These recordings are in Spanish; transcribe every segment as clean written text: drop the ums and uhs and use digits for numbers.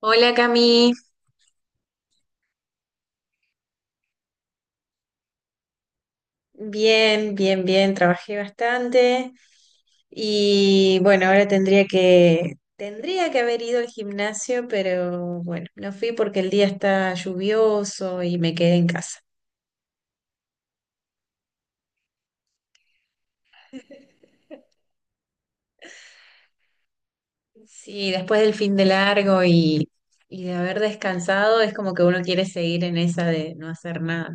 Hola Cami, bien, bien, bien, trabajé bastante y bueno, ahora tendría que haber ido al gimnasio, pero bueno, no fui porque el día está lluvioso y me quedé en casa. Sí, después del fin de largo y de haber descansado, es como que uno quiere seguir en esa de no hacer nada.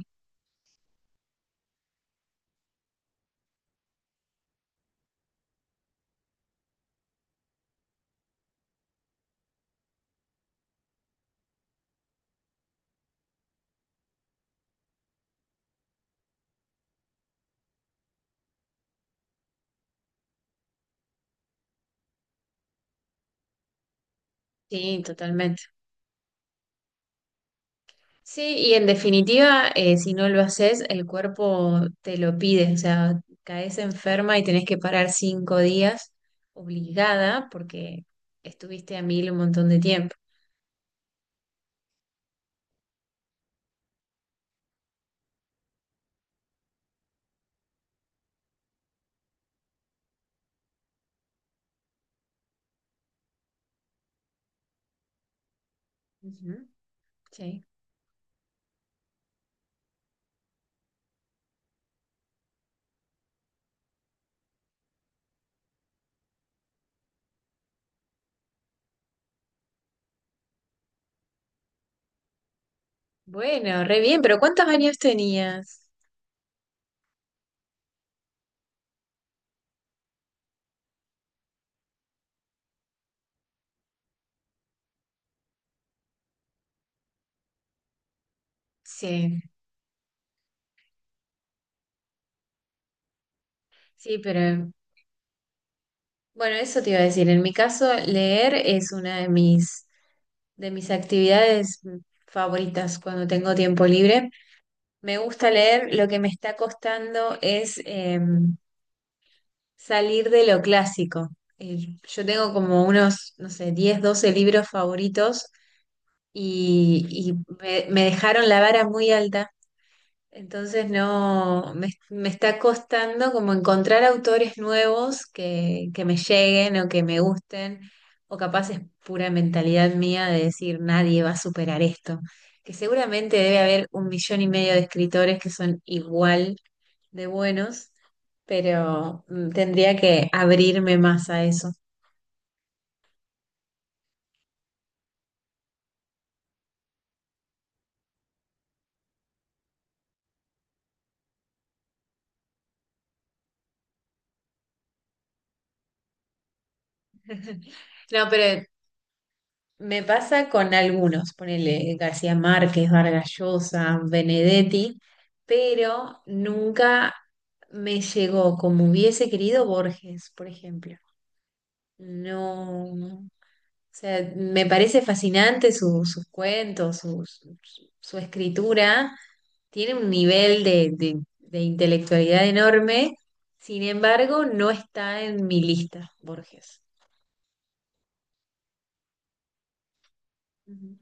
Sí, totalmente. Sí, y en definitiva, si no lo haces, el cuerpo te lo pide, o sea, caes enferma y tenés que parar 5 días obligada porque estuviste a mil un montón de tiempo. Ujú. Sí. Bueno, re bien, pero ¿cuántos años tenías? Sí, sí, pero bueno, eso te iba a decir. En mi caso, leer es una de mis actividades favoritas cuando tengo tiempo libre. Me gusta leer, lo que me está costando es salir de lo clásico. Yo tengo como unos, no sé, 10 12 libros favoritos y me dejaron la vara muy alta entonces no, me está costando como encontrar autores nuevos que me lleguen o que me gusten, o capaz es pura mentalidad mía de decir nadie va a superar esto, que seguramente debe haber un millón y medio de escritores que son igual de buenos, pero tendría que abrirme más a eso. No, pero me pasa con algunos, ponele García Márquez, Vargas Llosa, Benedetti, pero nunca me llegó como hubiese querido Borges, por ejemplo. No, o sea, me parece fascinante sus cuentos, su escritura, tiene un nivel de intelectualidad enorme, sin embargo, no está en mi lista, Borges. Ujú,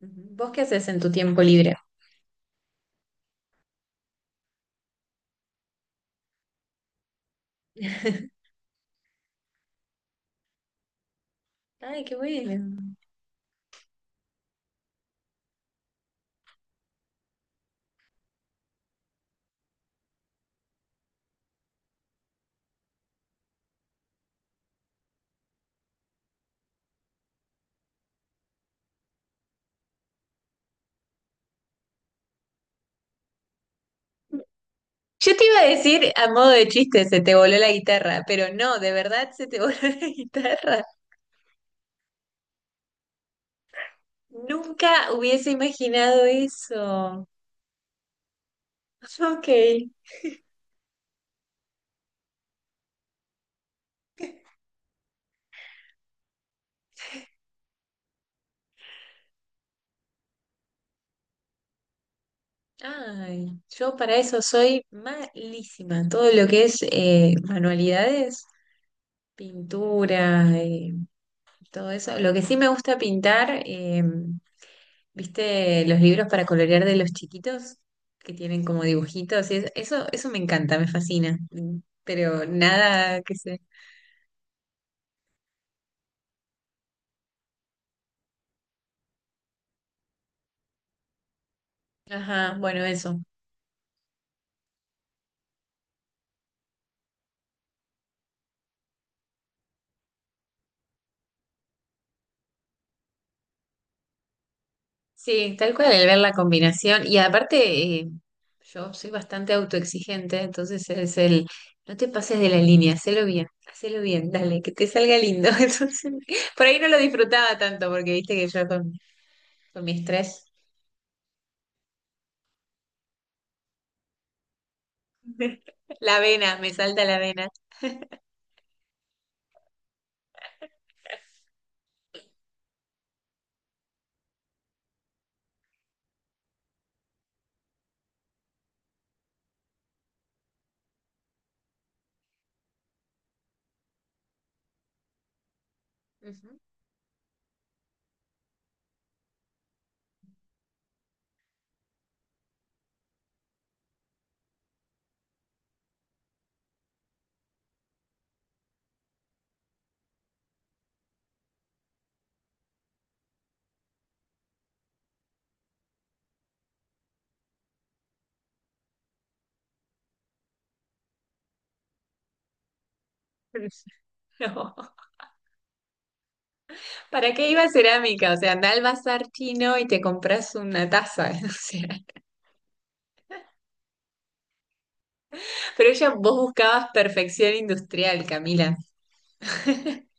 ujú. ¿Vos qué haces en tu tiempo libre? Ay, qué bueno. Yo te iba a decir a modo de chiste, se te voló la guitarra, pero no, de verdad se te voló la guitarra. Nunca hubiese imaginado eso. Ok. Ay, yo para eso soy malísima. Todo lo que es manualidades, pintura, todo eso. Lo que sí me gusta pintar. ¿Viste los libros para colorear de los chiquitos que tienen como dibujitos? Eso, eso me encanta, me fascina. Pero nada que sé. Ajá, bueno, eso. Sí, tal cual el ver la combinación. Y aparte, eh, yo soy bastante autoexigente, entonces es el, no te pases de la línea, hacelo bien, dale, que te salga lindo. Entonces, por ahí no lo disfrutaba tanto, porque viste que yo con mi estrés, la vena, me salta la vena. Ujú. No. ¿Para qué iba a cerámica? O sea, anda al bazar chino y te compras una taza. O sea, pero ella, vos buscabas perfección industrial, Camila.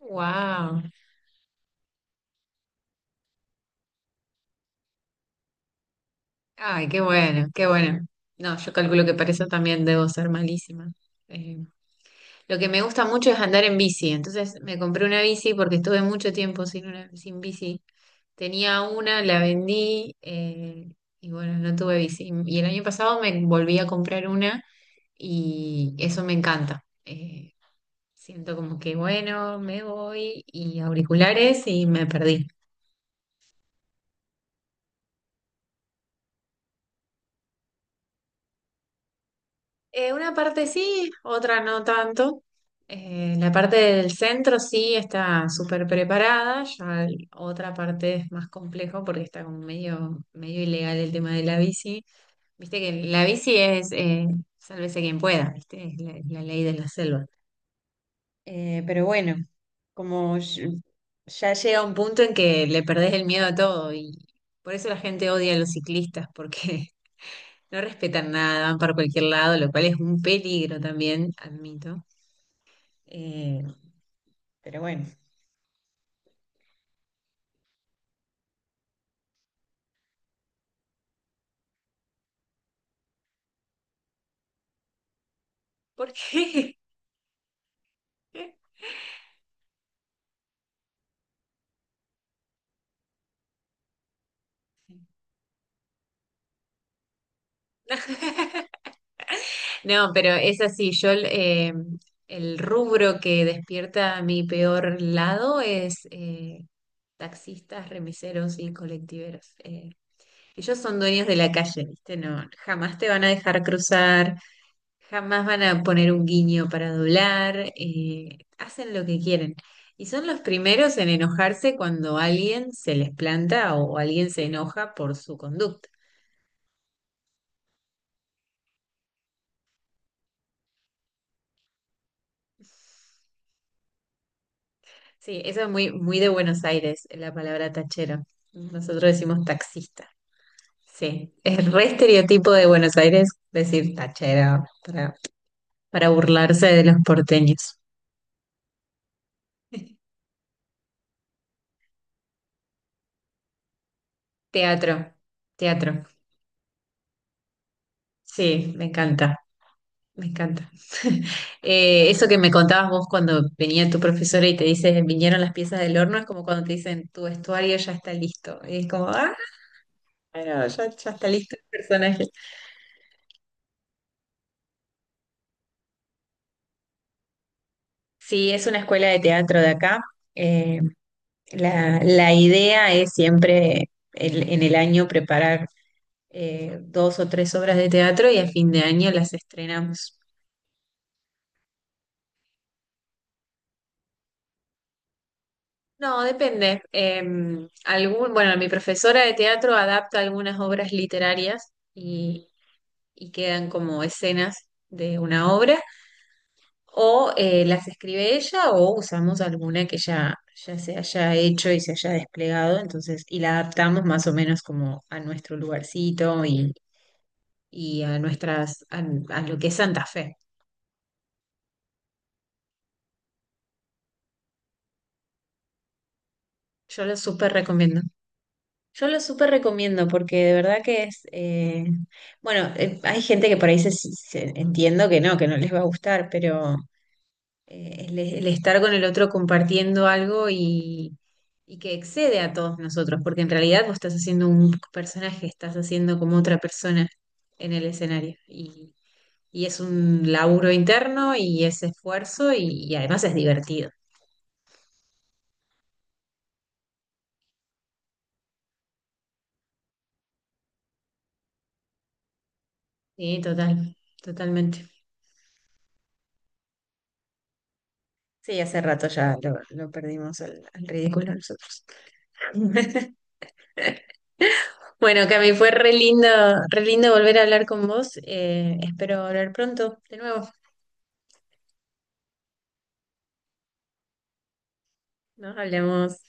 Wow. Ay, qué bueno, qué bueno. No, yo calculo que para eso también debo ser malísima. Eh, lo que me gusta mucho es andar en bici. Entonces me compré una bici porque estuve mucho tiempo sin una, sin bici. Tenía una, la vendí y bueno, no tuve bici. Y el año pasado me volví a comprar una y eso me encanta. Siento como que, bueno, me voy y auriculares y me perdí. Una parte sí, otra no tanto. La parte del centro sí está súper preparada, otra parte es más complejo porque está como medio, medio ilegal el tema de la bici. Viste que la bici es, sálvese quien pueda, ¿viste? Es la, la ley de la selva. Pero bueno, como ll- ya llega un punto en que le perdés el miedo a todo y por eso la gente odia a los ciclistas, porque no respetan nada, van para cualquier lado, lo cual es un peligro también, admito. Eh, pero bueno, ¿por qué? No, pero es así, yo el rubro que despierta mi peor lado es taxistas, remiseros y colectiveros. Ellos son dueños de la calle, ¿viste? No, jamás te van a dejar cruzar, jamás van a poner un guiño para doblar, hacen lo que quieren. Y son los primeros en enojarse cuando alguien se les planta o alguien se enoja por su conducta. Sí, eso es muy, muy de Buenos Aires, la palabra tachero. Nosotros decimos taxista. Sí, es re estereotipo de Buenos Aires decir tachero para burlarse de los porteños. Teatro, teatro. Sí, me encanta, me encanta. Eso que me contabas vos cuando venía tu profesora y te dice, vinieron las piezas del horno, es como cuando te dicen, tu vestuario ya está listo. Y es como, ah, bueno, ya, ya está listo el personaje. Sí, es una escuela de teatro de acá. Eh, la idea es siempre en el año preparar dos o tres obras de teatro y a fin de año las estrenamos. No, depende. Algún, bueno, mi profesora de teatro adapta algunas obras literarias y quedan como escenas de una obra, o las escribe ella o usamos alguna que ya se haya hecho y se haya desplegado, entonces, y la adaptamos más o menos como a nuestro lugarcito y a nuestras, a lo que es Santa Fe. Yo lo súper recomiendo. Yo lo súper recomiendo porque de verdad que es, bueno, hay gente que por ahí entiendo que no les va a gustar, pero el estar con el otro compartiendo algo y que excede a todos nosotros, porque en realidad vos estás haciendo un personaje, estás haciendo como otra persona en el escenario y es un laburo interno y es esfuerzo y además es divertido. Sí, total, totalmente. Sí, hace rato ya lo perdimos al ridículo nosotros. Bueno, Cami, fue re lindo volver a hablar con vos. Espero hablar pronto de nuevo. Nos hablemos.